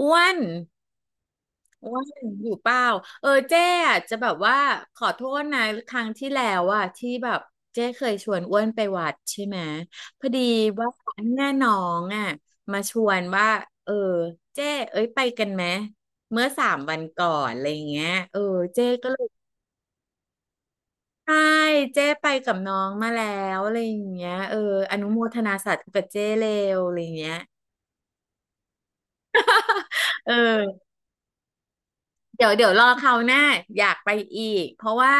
อ้วนอ้วนอยู่เปล่าเออเจ๊อะจะแบบว่าขอโทษนะครั้งที่แล้วอะที่แบบเจ๊เคยชวนอ้วนไปวัดใช่ไหมพอดีว่าแม่น้องอะมาชวนว่าเออเจ๊เอ้ยไปกันไหมเมื่อ3 วันก่อนอะไรอย่างเงี้ยเออเจ๊ก็เลยใช่เจ๊ไปกับน้องมาแล้วอะไรอย่างเงี้ยเอออนุโมทนาสาธุกับเจ๊เลวอะไรอย่างเงี้ยเออ เดี๋ยวเดี๋ยวรอคราวหน้าอยากไปอีกเพราะว่า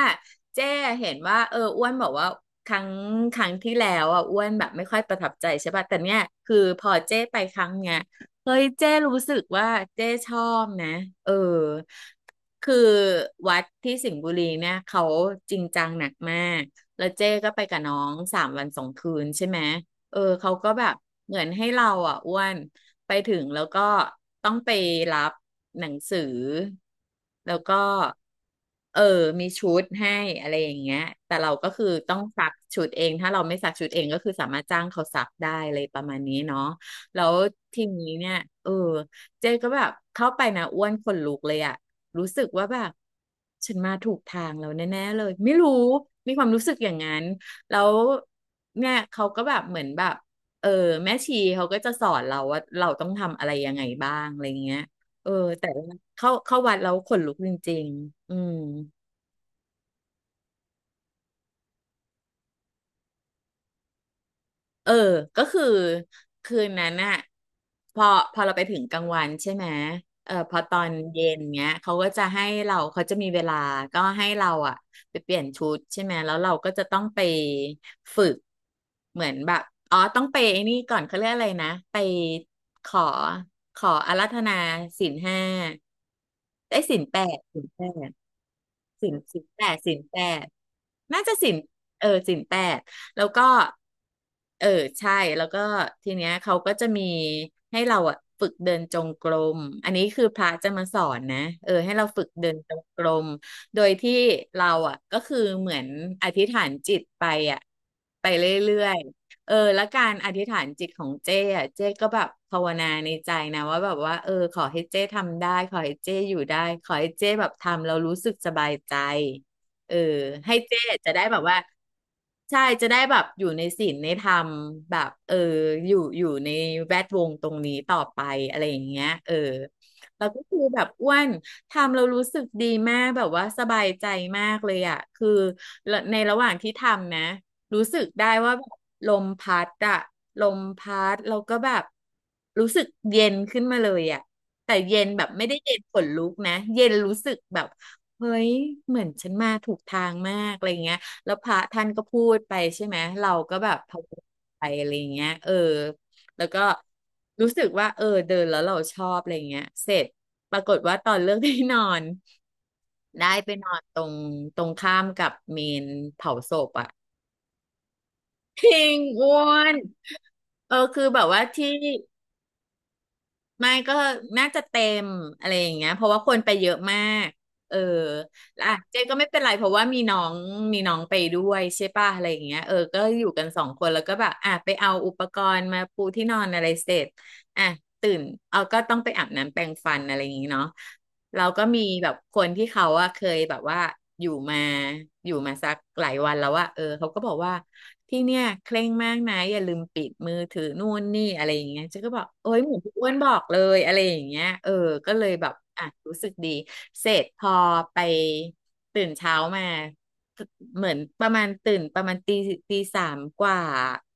เจ้เห็นว่าเอออ้วนบอกว่าครั้งครั้งที่แล้วอ่ะอ้วนแบบไม่ค่อยประทับใจใช่ป่ะแต่เนี้ยคือพอเจ้ไปครั้งเนี้ยเฮ้ยเจ้รู้สึกว่าเจ้ชอบนะเออคือวัดที่สิงห์บุรีเนี่ยเขาจริงจังหนักมากแล้วเจ้ก็ไปกับน้อง3 วัน 2 คืนใช่ไหม เออเขาก็แบบเหมือนให้เราอ่ะอ้วนไปถึงแล้วก็ต้องไปรับหนังสือแล้วก็เออมีชุดให้อะไรอย่างเงี้ยแต่เราก็คือต้องซักชุดเองถ้าเราไม่ซักชุดเองก็คือสามารถจ้างเขาซักได้อะไรประมาณนี้เนาะแล้วทีนี้เนี่ยเออเจ๊ก็แบบเข้าไปนะอ้วนขนลุกเลยอะรู้สึกว่าแบบฉันมาถูกทางแล้วแน่ๆเลยไม่รู้มีความรู้สึกอย่างนั้น แล้วเนี่ยเขาก็แบบเหมือนแบบเออแม่ชีเขาก็จะสอนเราว่าเราต้องทำอะไรยังไงบ้างอะไรเงี้ยเออแต่ว่าเข้าวัดแล้วขนลุกจริงๆอืม เออ ก็คือคืนนั้นน่ะพอพอเราไปถึงกลางวันใช่ไหมเออพอตอนเย็นเนี้ยเขาก็จะให้เราเขาจะมีเวลาก็ให้เราอ่ะไปเปลี่ยนชุดใช่ไหมแล้วเราก็จะต้องไปฝึกเหมือนแบบอ๋อต้องไปไอ้นี่ก่อนเขาเรียกอะไรนะไปขอขออาราธนาศีล 5ได้ยศีลแปดศีลแปด สินแปดสินแปดน่าจะสินเออสินแปดแล้วก็เออใช่แล้วก็ทีเนี้ยเขาก็จะมีให้เราอะฝึกเดินจงกรมอันนี้คือพระจะมาสอนนะเออให้เราฝึกเดินจงกรมโดยที่เราอะก็คือเหมือนอธิษฐานจิตไปอะไปเรื่อยๆ เออแล้วการอธิษฐานจิตของเจ้อะเจ้ก็แบบภาวนาในใจนะว่าแบบว่าเออขอให้เจ้ทำได้ขอให้เจ้อยู่ได้ขอให้เจ้แบบทำเรารู้สึกสบายใจเออให้เจ้จะได้แบบว่าใช่จะได้แบบอยู่ในศีลในธรรมแบบเอออยู่อยู่ในแวดวงตรงนี้ต่อไปอะไรอย่างเงี้ยเออแล้วก็คือแบบอ้วนทำเรารู้สึกดีมากแบบว่าสบายใจมากเลยอ่ะคือในระหว่างที่ทำนะ รู้สึกได้ว่าแบบลมพัดอะลมพัดแล้วก็แบบรู้สึกเย็นขึ้นมาเลยอะแต่เย็นแบบไม่ได้เย็นขนลุกนะเย็นรู้สึกแบบเฮ้ยเหมือนฉันมาถูกทางมากอะไรเงี้ยแล้วพระท่านก็พูดไปใช่ไหมเราก็แบบพะวงไปอะไรเงี้ยเออแล้วก็รู้สึกว่าเออเดินแล้วเราชอบอะไรเงี้ยเสร็จปรากฏว่าตอนเลือกที่นอนได้ไปนอนตรงข้ามกับเมนเผาศพอะ จริงอ้วนเออคือแบบว่าที่ไม่ก็น่าจะเต็มอะไรอย่างเงี้ยเพราะว่าคนไปเยอะมากเออแล้วอ่ะเจ๊ก็ไม่เป็นไรเพราะว่ามีน้องไปด้วยใช่ป่ะอะไรอย่างเงี้ยเออก็อยู่กัน2 คนแล้วก็แบบอ่ะไปเอาอุปกรณ์มาปูที่นอนอะไรเสร็จอ่ะตื่นเอาก็ต้องไปอาบน้ำแปรงฟันอะไรอย่างงี้เนาะ เราก็มีแบบคนที่เขาอะเคยแบบว่าอยู่มาอยู่มาสักหลายวันแล้วว่าเออเขาก็บอกว่าที่เนี่ยเคร่งมากนะอย่าลืมปิดมือถือนู่นนี่อะไรอย่างเงี้ยฉันก็บอกโอ้ยเหมือนพี่อ้วนบอกเลยอะไรอย่างเงี้ยเออก็เลยแบบอ่ะรู้สึกดีเสร็จพอไปตื่นเช้ามาเหมือนประมาณตื่นประมาณตีสามกว่า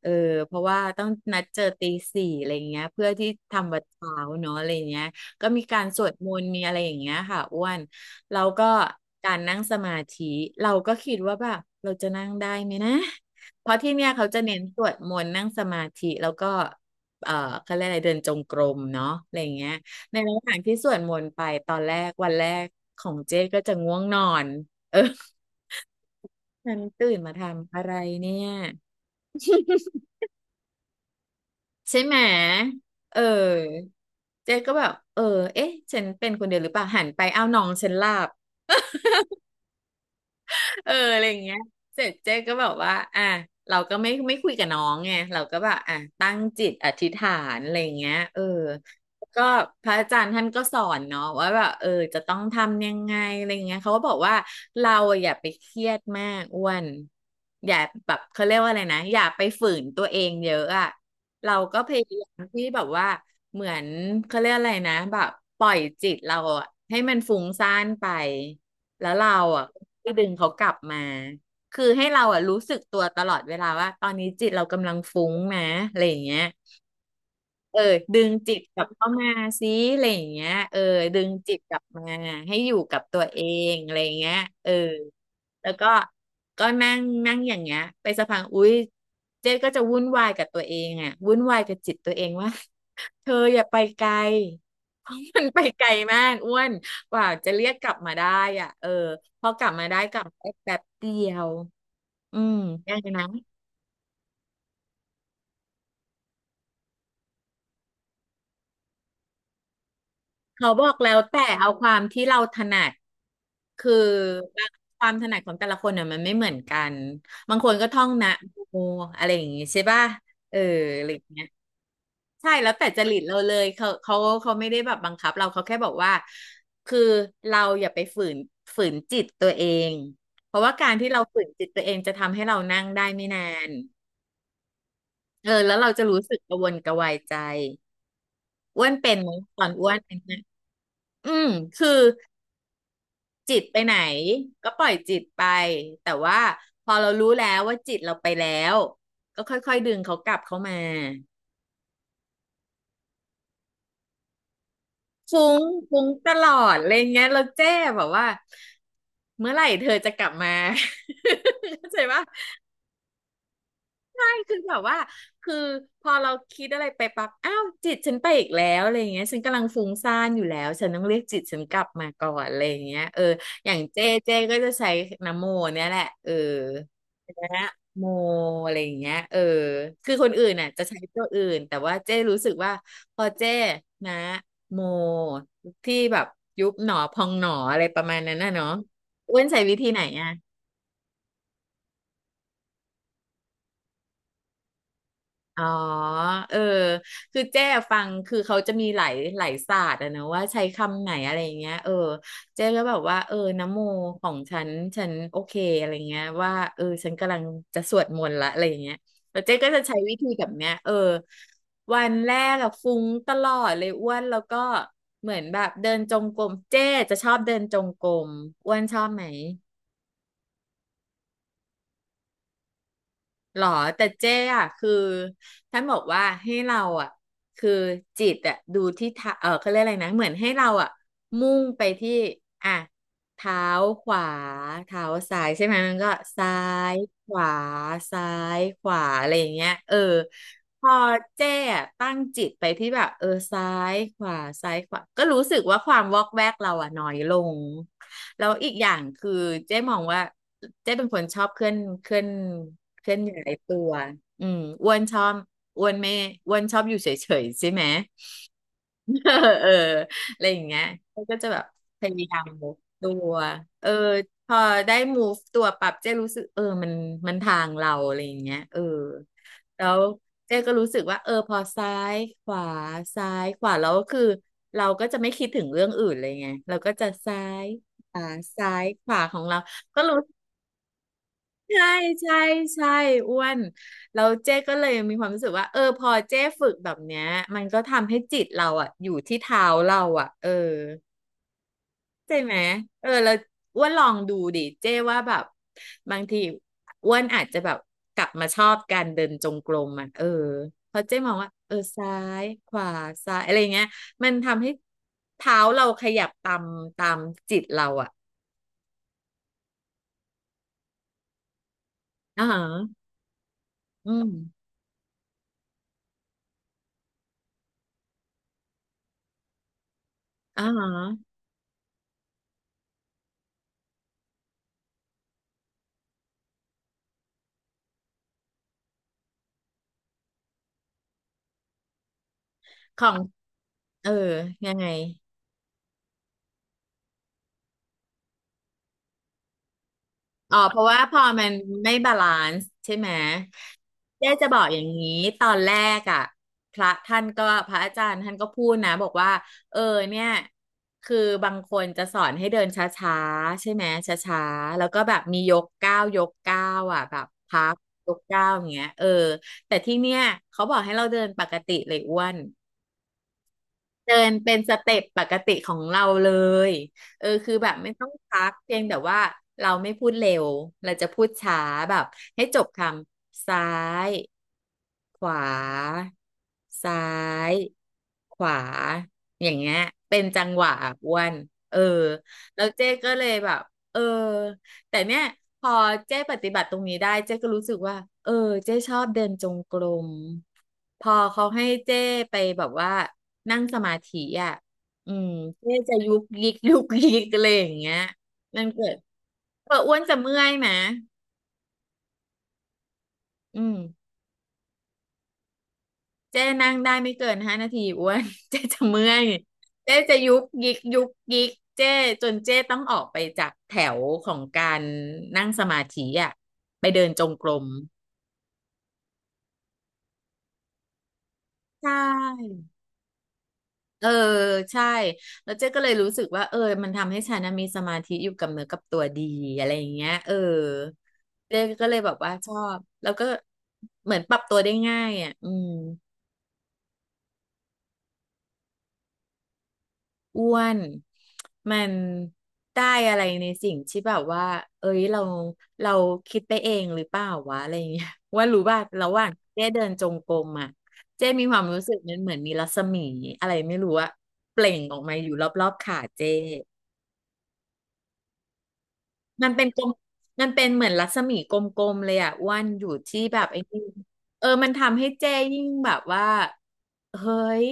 เออเพราะว่าต้องนัดเจอตี 4อะไรเงี้ยเพื่อที่ทำวัดเช้าเนาะอะไรเงี้ย ก็มีการสวดมนต์มีอะไรอย่างเงี้ยค่ะอ้วนแล้วก็การนั่งสมาธิเราก็คิดว่าแบบเราจะนั่งได้ไหมนะเพราะที่เนี่ยเขาจะเน้นสวดมนต์นั่งสมาธิแล้วก็เอ่อเขาเรียกอะไรเดินจงกรมเนาะอะไรอย่างเงี้ยในระหว่างที่สวดมนต์ไปตอนแรกวันแรกของเจ๊ก็จะง่วงนอนเออฉันตื่นมาทำอะไรเนี่ยใช่ไหมเออเจ๊ก็แบบเออเอ๊ะฉันเป็นคนเดียวหรือเปล่าหันไปอ้าวน้องฉันหลับ เอออะไรอย่างเงี้ยเสร็จเจ๊ก็แบบว่าอ่ะเราก็ไม่คุยกับน้องไงเราก็แบบอ่ะตั้งจิตอธิษฐานอะไรอย่างเงี้ยเออก็พระอาจารย์ท่านก็สอนเนาะว่าแบบเออจะต้องทำยังไงอะไรอย่างเงี้ยเขาก็บอกว่าเราอะอย่าไปเครียดมากอ้วนอย่าแบบเขาเรียกว่าอะไรนะอย่าไปฝืนตัวเองเยอะอะเราก็พยายามที่แบบว่าเหมือนเขาเรียกอะไรนะแบบปล่อยจิตเราอะให้มันฟุ้งซ่านไป แล้วเราอ่ะก็ดึงเขากลับมาคือให้เราอ่ะรู้สึกตัวตลอดเวลาว่าตอนนี้จิตเรากำลังฟุ้งนะอะไรอย่างเงี้ย เออดึงจิตกลับเข้ามาซิอะไรอย่างเงี้ยเออดึงจิตกลับมาให้อยู่กับตัวเองอะไรอย่างเงี้ยเออแล้วก็ก็นั่งนั่งอย่างเงี้ยไปสักพักอุ๊ยเจ๊ก็จะวุ่นวายกับตัวเองอ่ะวุ่นวายกับจิตตัวเองว่า เธออย่าไปไกลเพราะมันไปไกลมากอ้วนกว่าจะเรียกกลับมาได้อ่ะเออพอกลับมาได้กลับมาได้แป๊บเดียวอืมได้นะ เขาบอกแล้วแต่เอาความที่เราถนัดคือความถนัดของแต่ละคนเนี่ยมันไม่เหมือนกันบางคนก็ท่องนะโมอะไรอย่างงี้ใช่ป่ะเอออะไรอย่างเงี้ยใช่แล้วแต่จริตเราเลยเขาเขาไม่ได้แบบบังคับเราเขาแค่บอกว่าคือเราอย่าไปฝืนจิตตัวเองเพราะว่าการที่เราฝืนจิตตัวเองจะทำให้เรานั่งได้ไม่นานเออแล้วเราจะรู้สึกกระวนกระวายใจอ้วนเป็นไหมตอนอ้วนเป็นนะอืมคือ จิตไปไหนก็ปล่อยจิตไปแต่ว่าพอเรารู้แล้วว่าจิตเราไปแล้วก็ค่อยๆดึงเขากลับเข้ามาฟุ้งฟุ้งตลอดอะไรเงี้ยเราเจ้แบบว่าเมื่อไหร่เธอจะกลับมา เข้าใจปะ คือแบบว่าคือพอเราคิดอะไรไปปั๊บอ้าวจิตฉันไปอีกแล้วอะไรอย่างเงี้ยฉันกำลังฟุ้งซ่านอยู่แล้วฉันต้องเรียกจิตฉันกลับมาก่อนอะไรอย่างเงี้ยเอออย่างเจ้เจก็จะใช้นะโมเนี่ยแหละเออนะโมอะไรอย่างเงี้ยเออคือคนอื่นน่ะจะใช้ตัวอื่นแต่ว่าเจ้รู้สึกว่าพอเจ้นะโมที่แบบยุบหนอพองหนออะไรประมาณนั้นน่ะเนาะอ้วนใช้วิธีไหนอ่ะ อ๋อเออคือเจ๊ฟังคือเขาจะมีหลายศาสตร์อะนะว่าใช้คำไหนอะไรอย่างเงี้ยเออเจ๊ก็แบบว่าเออนะโมของฉัน ฉันโอเคอะไรเงี้ยว่าเออฉันกำลังจะสวดมนต์ละอะไรอย่างเงี้ยแล้วเจ๊ก็จะใช้วิธีแบบเนี้ยเออวันแรกอะฟุ้งตลอดเลยอ้วนแล้วก็เหมือนแบบเดินจงกรมเจ๊จะชอบเดินจงกรมอ้วนชอบไหม หรอแต่เจ๊อ่ะคือท่านบอกว่าให้เราอ่ะคือจิตอ่ะดูที่เท้าเออเขาเรียกอะไรนะเหมือนให้เราอ่ะมุ่งไปที่อ่ะเท้าขวาเท้าซ้ายใช่ไหมมันก็ซ้ายขวาซ้ายขวาอะไรอย่างเงี้ยเออพอเจ๊อ่ะตั้งจิตไปที่แบบเออซ้ายขวาซ้ายขวาก็รู้สึกว่าความวอกแวกเราอ่ะน้อยลงแล้วอีกอย่างคือเจ๊มองว่าเจ๊เป็นคนชอบเคลื่อน เส้นใหญ่ตัวอืมอ้วนชอบอ้วนไม่อ้วนชอบอยู่เฉยๆใช่ไหม เออ เอออะไรอย่างเงี้ยก็จะแบบพยายาม move ตัวเออพอได้ move ตัวปรับเจ๊รู้สึกเออมันทางเราอะไรอย่างเงี้ยเออแล้วเจ๊ก็รู้สึกว่าเออพอซ้ายขวาซ้ายขวาแล้วคือเราก็จะไม่คิดถึงเรื่องอื่นเลยไงเราก็จะซ้ายขวาซ้ายขวาของเราก็รู้ ใช่ใช่ใช่อ้วนแล้วเจ๊ก็เลยมีความรู้สึกว่าเออพอเจ๊ฝึกแบบเนี้ยมันก็ทำให้จิตเราอะอยู่ที่เท้าเราอะเออใช่ไหมเออแล้วอ้วนลองดูดิเจ๊ว่าแบบบางทีอ้วนอาจจะแบบกลับมาชอบการเดินจงกรมอะเออเพราะเจ๊มองว่าเออซ้ายขวาซ้ายอะไรเงี้ยมันทำให้เท้าเราขยับตามตามจิตเราอะอ่าฮะอืมอ่าฮะของเออยังไง อ๋อเพราะว่าพอมันไม่บาลานซ์ใช่ไหมเจ๊จะบอกอย่างนี้ตอนแรกอ่ะพระท่านก็พระอาจารย์ท่านก็พูดนะบอกว่าเออเนี่ยคือบางคนจะสอนให้เดินช้าๆใช่ไหมช้าๆแล้วก็แบบมียกก้าวยกก้าวอ่ะแบบพักยกก้าวอย่างเงี้ยเออแต่ที่เนี่ยเขาบอกให้เราเดินปกติเลยอ้วน เดินเป็นสเต็ปปกติของเราเลยเออคือแบบไม่ต้องพักเพียงแต่ว่าเราไม่พูดเร็วเราจะพูดช้าแบบให้จบคำซ้ายขวาซ้ายขวาอย่างเงี้ยเป็นจังหวะอะ้วนเออแล้วเจ๊ก็เลยแบบเออ แต่เนี่ยพอเจ๊ปฏิบัติตรงนี้ได้เจ๊ก็รู้สึกว่าเออเจ๊ชอบเดินจงกรมพอเขาให้เจ๊ไปแบบว่านั่งสมาธิอ่ะอืมเจ๊จะยุกยิกยุกยิกอะไรอย่างเงี้ยนั่นเกิดเอออ้วนจะเมื่อยไหมอืมเจ๊นั่งได้ไม่เกิน5 นาทีอ้วน เจ๊จะเมื่อยเจ๊จะยุกยิกยุกยิกเจ๊จนเจ๊ต้องออกไปจากแถวของการนั่งสมาธิอ่ะไปเดินจงกรมใช่ เออใช่แล้วเจ๊ก็เลยรู้สึกว่าเออมันทำให้ฉันน่ะมีสมาธิอยู่กับเนื้อกับตัวดีอะไรอย่างเงี้ยเออเจ๊ก็เลยแบบว่าชอบแล้วก็เหมือนปรับตัวได้ง่ายอ่ะอืมอ้วนมันได้อะไรในสิ่งที่แบบว่าเอ้ยเราคิดไปเองหรือเปล่าวะอะไรอย่างเงี้ย ว่ารู้ว่าระหว่างเจ๊เดินจงกรมอ่ะเจ๊มีความรู้สึกมันเหมือนมีรัศมีอะไรไม่รู้อะเปล่งออกมาอยู่รอบๆขาเจ๊ มันเป็นกลมมันเป็นเหมือนรัศมีกลมๆเลยอ่ะอ้วนอยู่ที่แบบไอ้นี่เออมันทำให้เจ้ยิ่งแบบว่าเฮ้ย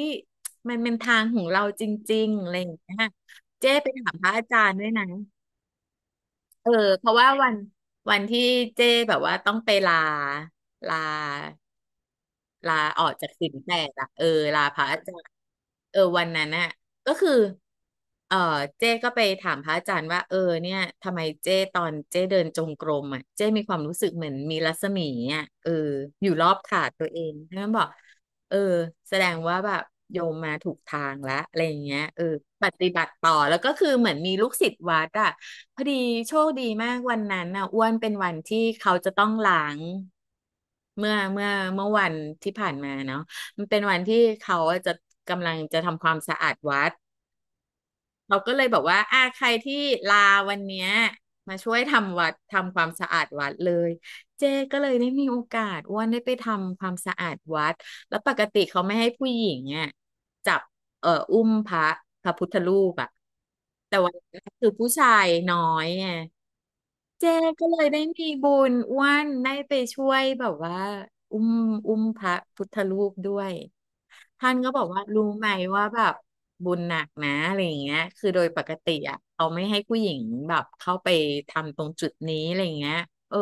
มันเป็นทางของเราจริงๆอะไรอย่างเงี้ยเจ้ไปถามพระอาจารย์ด้วยนะเออเพราะว่าวันที่เจ้แบบว่าต้องไปลา ลาออกจากศีลแปดอะเออลาพระอาจารย์เออวันนั้นน่ะก็คือเออเจ้ก็ไปถามพระอาจารย์ว่าเออเนี่ยทำไมเจ้ตอนเจ้เดินจงกรมอ่ะเจ้มีความรู้สึกเหมือนมีรัศมีอ่ะเอออยู่รอบขาตัวเองท่านบอก เออแสดงว่าแบบโยมมาถูกทางแล้วอะไรอย่างเงี้ยเออปฏิบัติต่อแล้วก็คือเหมือนมีลูกศิษย์วัดอ่ะพอดีโชคดีมากวันนั้นน่ะอ้วนเป็นวันที่เขาจะต้องล้างเมื่อเมื่อเมื่อวันที่ผ่านมาเนาะมันเป็นวันที่เขาอะจะกำลังจะทำความสะอาดวัด เราก็เลยบอกว่าอ่าใครที่ลาวันเนี้ยมาช่วยทำวัดทำความสะอาดวัดเลย เจ๊ก็เลยได้มีโอกาสอ้วนได้ไปทำความสะอาดวัดแล้วปกติเขาไม่ให้ผู้หญิงเนี่ยจับอุ้มพระพุทธรูปอะแต่วันนี้นคือผู้ชายน้อยไง เจก็เลยได้มีบุญอ้วนได้ไปช่วยแบบว่าอุ้มอุ้มพระพุทธรูปด้วยท่านก็บอกว่ารู้ไหมว่าแบบบุญหนักนะอะไรอย่างเงี้ยคือโดยปกติอ่ะเขาไม่ให้ผู้หญิงแบบเข้าไปทำตรงจุดนี้อะไรอย่างเงี้ยเออ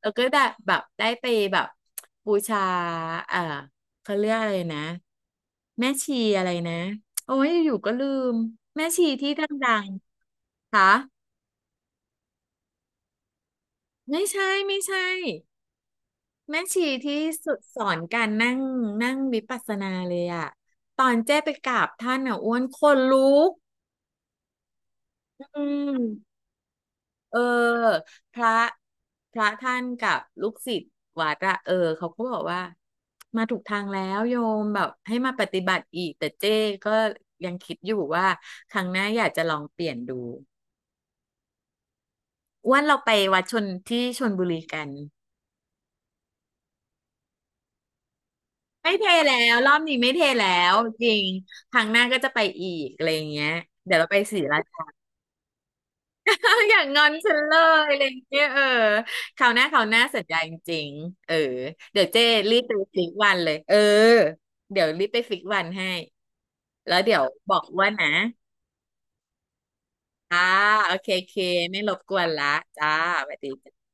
แล้วก็ได้แบบได้ไปแบบบูชาเอ่อเขาเรียกอะไรนะแม่ชีอะไรนะโอ้ยอยู่ก็ลืมแม่ชีที่ดังๆค่ะไม่ใช่ไม่ใช่ แม่ชีที่สุดสอนการนั่งนั่งวิปัสสนาเลยอะตอนเจ้ไปกราบท่านอะอ้วนคนลุกอืมเออพระพระท่านกับลูกศิษย์วัดอะเออเขาก็บอกว่ามาถูกทางแล้วโยมแบบให้มาปฏิบัติอีกแต่เจ้ก็ยังคิดอยู่ว่าครั้งหน้าอยากจะลองเปลี่ยนดูอ้วนเราไปวัดชนที่ชลบุรีกัน ไม่เทแล้วรอบนี้ไม่เทแล้วจริงครั้งหน้าก็จะไปอีกอะไรอย่างเงี้ยเดี๋ยวเราไปศรีราชา อย่างงอนฉันเลยอะไรอย่างเงี้ยเออคราวหน้าคราวหน้าสัญญาจริงๆเออเดี๋ยวเจ้รีบไปฟิกวันเลยเออเดี๋ยวรีบไปฟิกวันให้แล้วเดี๋ยวบอกว่านะอ่าโอเคโอเคไม่รบกวนละจ้าสวัสดีจ้า